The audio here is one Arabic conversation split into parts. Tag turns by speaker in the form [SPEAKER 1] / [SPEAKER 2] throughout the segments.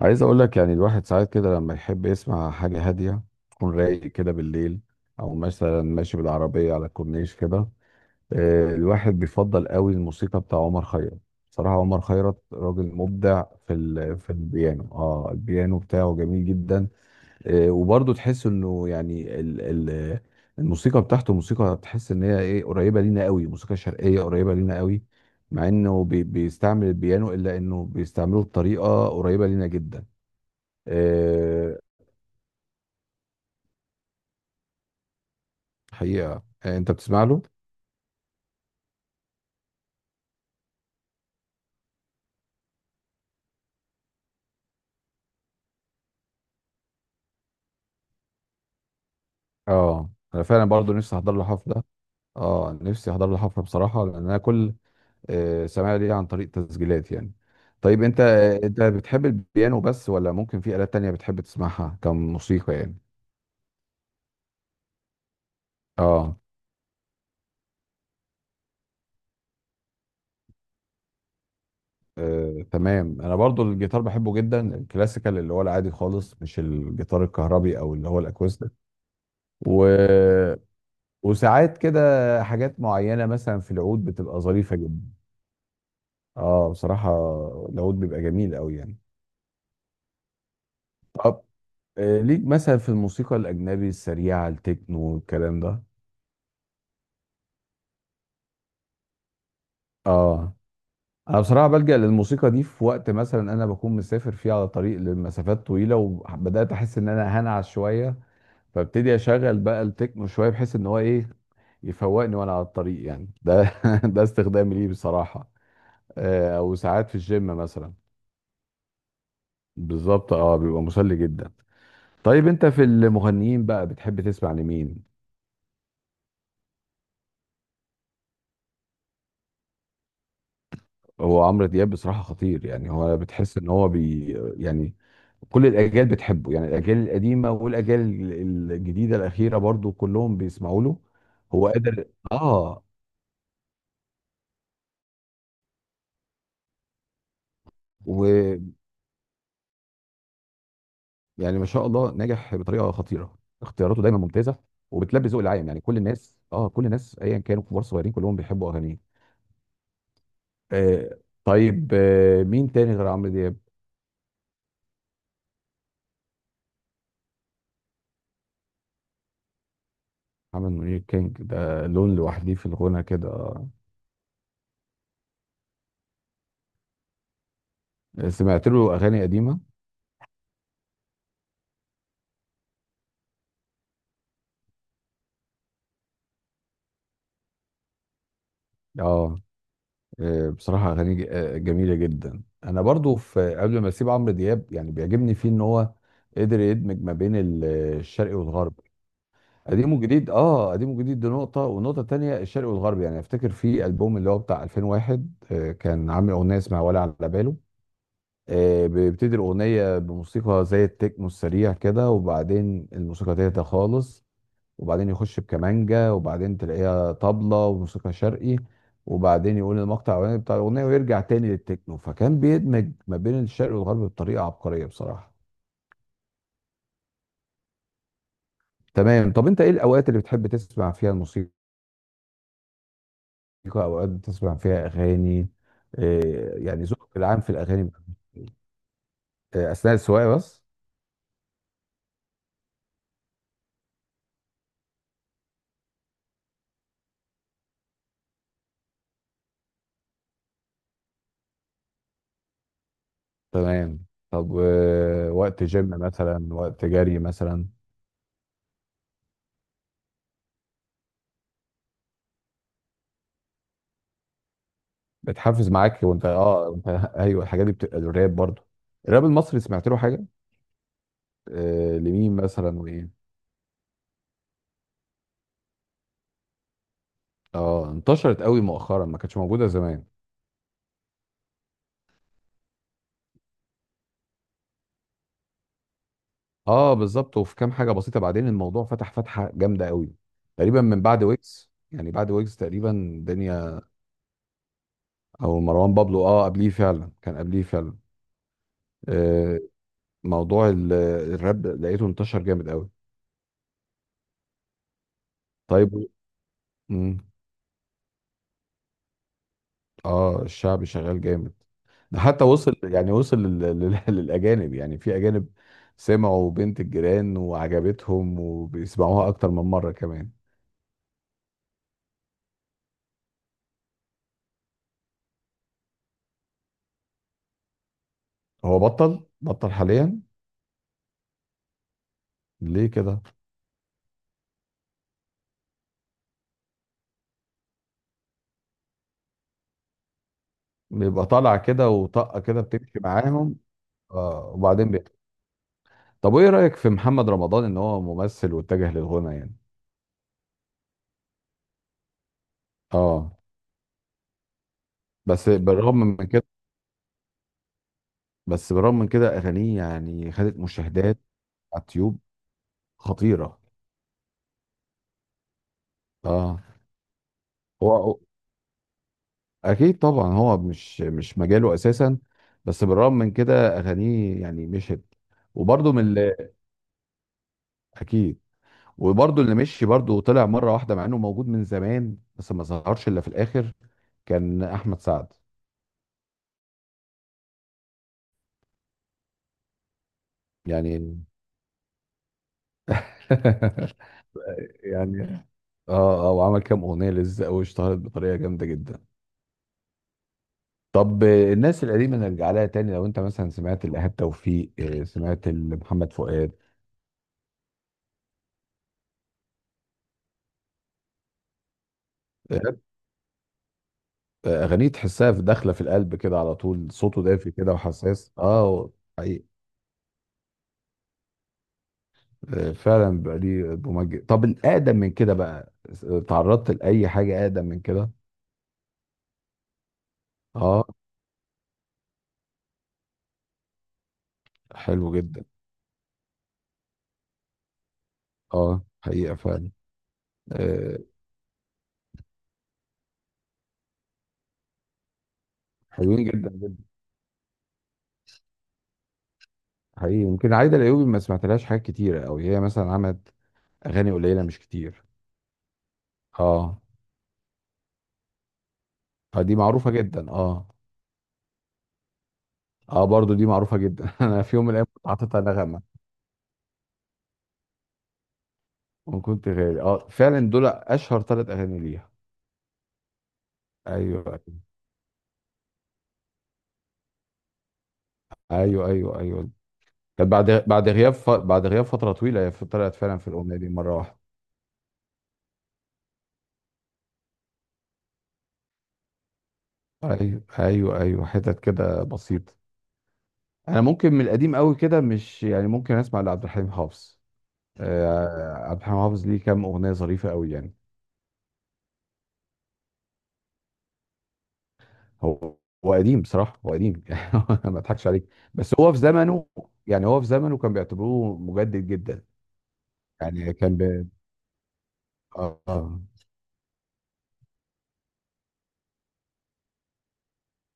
[SPEAKER 1] عايز اقول لك يعني الواحد ساعات كده لما يحب يسمع حاجة هادية، تكون رايق كده بالليل او مثلا ماشي بالعربية على الكورنيش كده. آه، الواحد بيفضل قوي الموسيقى بتاع عمر خيرت. بصراحة عمر خيرت راجل مبدع في البيانو. اه البيانو بتاعه جميل جدا. آه، وبرضه تحس انه يعني ال الموسيقى بتاعته موسيقى، تحس ان هي ايه، قريبة لينا قوي، موسيقى شرقية قريبة لينا قوي. مع انه بيستعمل البيانو، الا انه بيستعمله بطريقة قريبة لينا جدا. آه، حقيقة. آه، انت بتسمع له؟ اه انا فعلا برضو نفسي احضر له حفلة. اه نفسي احضر له حفلة بصراحة، لان انا كل آه، سماع ليه عن طريق تسجيلات يعني. طيب انت، انت بتحب البيانو بس ولا ممكن في آلات تانية بتحب تسمعها كموسيقى يعني؟ اه آه، تمام. انا برضو الجيتار بحبه جدا، الكلاسيكال اللي هو العادي خالص، مش الجيتار الكهربي او اللي هو الاكوستيك. و... وساعات كده حاجات معينة مثلا في العود بتبقى ظريفة جدا. اه بصراحة العود بيبقى جميل قوي يعني. طب آه، ليك مثلا في الموسيقى الأجنبي السريعة، التكنو والكلام ده؟ اه انا بصراحة بلجأ للموسيقى دي في وقت مثلا انا بكون مسافر فيه على طريق لمسافات طويلة، وبدأت احس ان انا هنعس شوية، فابتدي اشغل بقى التكنو شوية، بحيث ان هو ايه، يفوقني وانا على الطريق يعني. ده ده استخدامي ليه بصراحة. آه، او ساعات في الجيم مثلا. بالظبط، اه بيبقى مسلي جدا. طيب انت في المغنيين بقى بتحب تسمع لمين؟ هو عمرو دياب بصراحة خطير يعني، هو بتحس ان هو بي يعني كل الاجيال بتحبه يعني، الاجيال القديمة والاجيال الجديدة الاخيرة برضو كلهم بيسمعوا له. هو قادر. اه ويعني ما شاء الله، ناجح بطريقة خطيرة، اختياراته دايما ممتازة، وبتلبي ذوق العام يعني، كل الناس اه كل الناس ايا كانوا كبار صغيرين كلهم بيحبوا اغانيه. آه. طيب آه، مين تاني غير عمرو دياب؟ محمد منير كينج، ده لون لوحدي في الغنى كده. آه، سمعت له اغاني قديمة. اه آه، بصراحة أغاني جميلة جدا. أنا برضو في قبل ما أسيب عمرو دياب، يعني بيعجبني فيه إن هو قدر يدمج ما بين الشرقي والغرب. قديم وجديد أه، قديم وجديد دي نقطة، والنقطة التانية الشرقي والغرب. يعني أفتكر في ألبوم اللي هو بتاع 2001 آه، كان عامل أغنية اسمها ولا على باله. آه، بيبتدي الأغنية بموسيقى زي التكنو السريع كده، وبعدين الموسيقى تهدى خالص، وبعدين يخش بكمانجا، وبعدين تلاقيها طبلة وموسيقى شرقي، وبعدين يقول المقطع الاولاني بتاع الاغنيه، ويرجع تاني للتكنو. فكان بيدمج ما بين الشرق والغرب بطريقه عبقريه بصراحه. تمام. طب انت ايه الاوقات اللي بتحب تسمع فيها الموسيقى؟ اوقات بتسمع فيها اغاني؟ إيه يعني ذوقك العام في الاغاني؟ إيه، اثناء السواقه بس؟ تمام. طب آه، وقت جيم مثلا، وقت جري مثلا؟ بتحفز معاك وانت اه انت ايوه، الحاجات دي بتبقى الراب برضه. الراب المصري سمعت له حاجه؟ آه لمين مثلا وايه؟ اه انتشرت قوي مؤخرا، ما كانتش موجوده زمان. اه بالظبط، وفي كام حاجه بسيطه بعدين الموضوع فتح فتحه جامده قوي. تقريبا من بعد ويجز، يعني بعد ويجز تقريبا الدنيا. او مروان بابلو، اه قبليه فعلا، كان قبليه فعلا. آه موضوع الراب لقيته انتشر جامد قوي. طيب امم. اه الشعب شغال جامد. ده حتى وصل يعني وصل للاجانب يعني، في اجانب سمعوا بنت الجيران وعجبتهم وبيسمعوها اكتر من مره كمان. هو بطل بطل حاليا. ليه كده؟ بيبقى طالع كده، وطاقة كده بتمشي معاهم. آه وبعدين طب وايه رأيك في محمد رمضان، ان هو ممثل واتجه للغنى يعني؟ اه. بس بالرغم من كده بس بالرغم من كده اغانيه يعني خدت مشاهدات على اليوتيوب خطيرة. اه هو اكيد طبعا، هو مش مجاله اساسا. بس بالرغم من كده اغانيه يعني مشت. وبرضه من اكيد. وبرضه اللي مشي برضه طلع مره واحده، مع انه موجود من زمان بس ما ظهرش الا في الاخر، كان احمد سعد. يعني يعني اه اه. وعمل كام اغنيه لزق واشتهرت بطريقه جامده جدا. طب آه، الناس القديمه نرجع لها تاني. لو انت مثلا سمعت الايهاب توفيق، آه، سمعت محمد فؤاد؟ إيهاب، آه، اغانيه تحسها في داخله، في القلب كده على طول، صوته دافي كده وحساس اه. حقيقي. آه، فعلا بقى ليه مميز. طب الاقدم من كده بقى، آه، تعرضت لاي حاجه اقدم من كده؟ اه حلو جدا. اه حقيقة فعلا. آه حلوين جدا جدا. حقيقي يمكن عايدة الأيوبي ما سمعتلهاش حاجات كتيرة أوي، هي مثلا عملت أغاني قليلة مش كتير. اه آه، دي معروفة جدا. اه اه برضو دي معروفة جدا. أنا في يوم من الأيام كنت حاططها نغمة. وكنت غالي، اه فعلا دول أشهر ثلاث أغاني ليها. أيوه أيوه أيوه أيوه. كانت بعد غياب بعد غياب فترة طويلة، هي طلعت فعلا في الأغنية دي مرة واحدة. أيوه أيوه أيوه، حتت كده بسيطة. انا ممكن من القديم قوي كده مش يعني، ممكن اسمع لعبد الحليم حافظ. آه، عبد الحليم حافظ ليه كام اغنيه ظريفه قوي يعني. هو هو قديم بصراحه، هو قديم يعني. ما اضحكش عليك. بس هو في زمنه، يعني هو في زمنه كان بيعتبروه مجدد جدا. يعني كان ب... آه.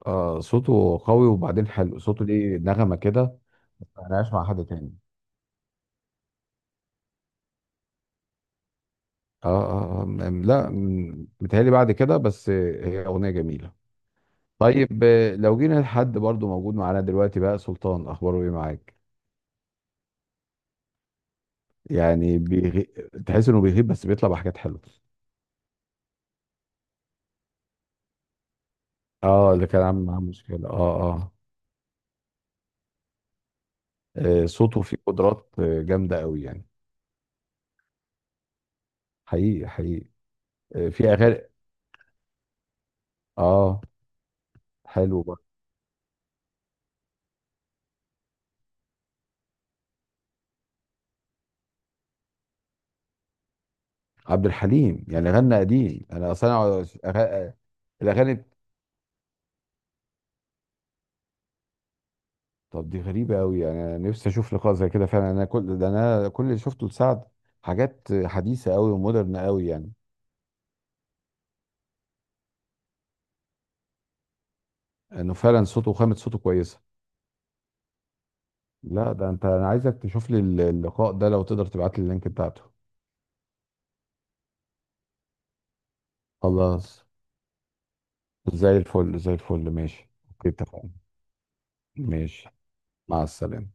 [SPEAKER 1] آه صوته قوي، وبعدين حلو صوته، ليه نغمه كده. ما سمعناهاش مع حد تاني. اه اه آه، لا متهيألي بعد كده، بس هي اغنيه جميله. طيب آه، لو جينا لحد برضو موجود معانا دلوقتي بقى، سلطان اخباره ايه معاك؟ يعني تحس انه بيغيب بس بيطلع بحاجات حلوه. اه اللي كان عامل معاه مشكله اه اه. آه، صوته فيه قدرات آه، جامده قوي يعني. حقيقي حقيقي. آه، في اغاني. اه حلو برضه. عبد الحليم يعني غنى قديم، انا اصلا أقعد الاغاني. طب دي غريبه قوي يعني، انا نفسي اشوف لقاء زي كده فعلا. انا كل ده انا كل اللي شفته لسعد حاجات حديثه قوي ومودرن قوي يعني. انه فعلا صوته وخامة صوته كويسة. لا ده انت، انا عايزك تشوف لي اللقاء ده، لو تقدر تبعت لي اللينك بتاعته. خلاص. زي الفل ماشي، اوكي اتفقنا. ماشي. مع السلامة.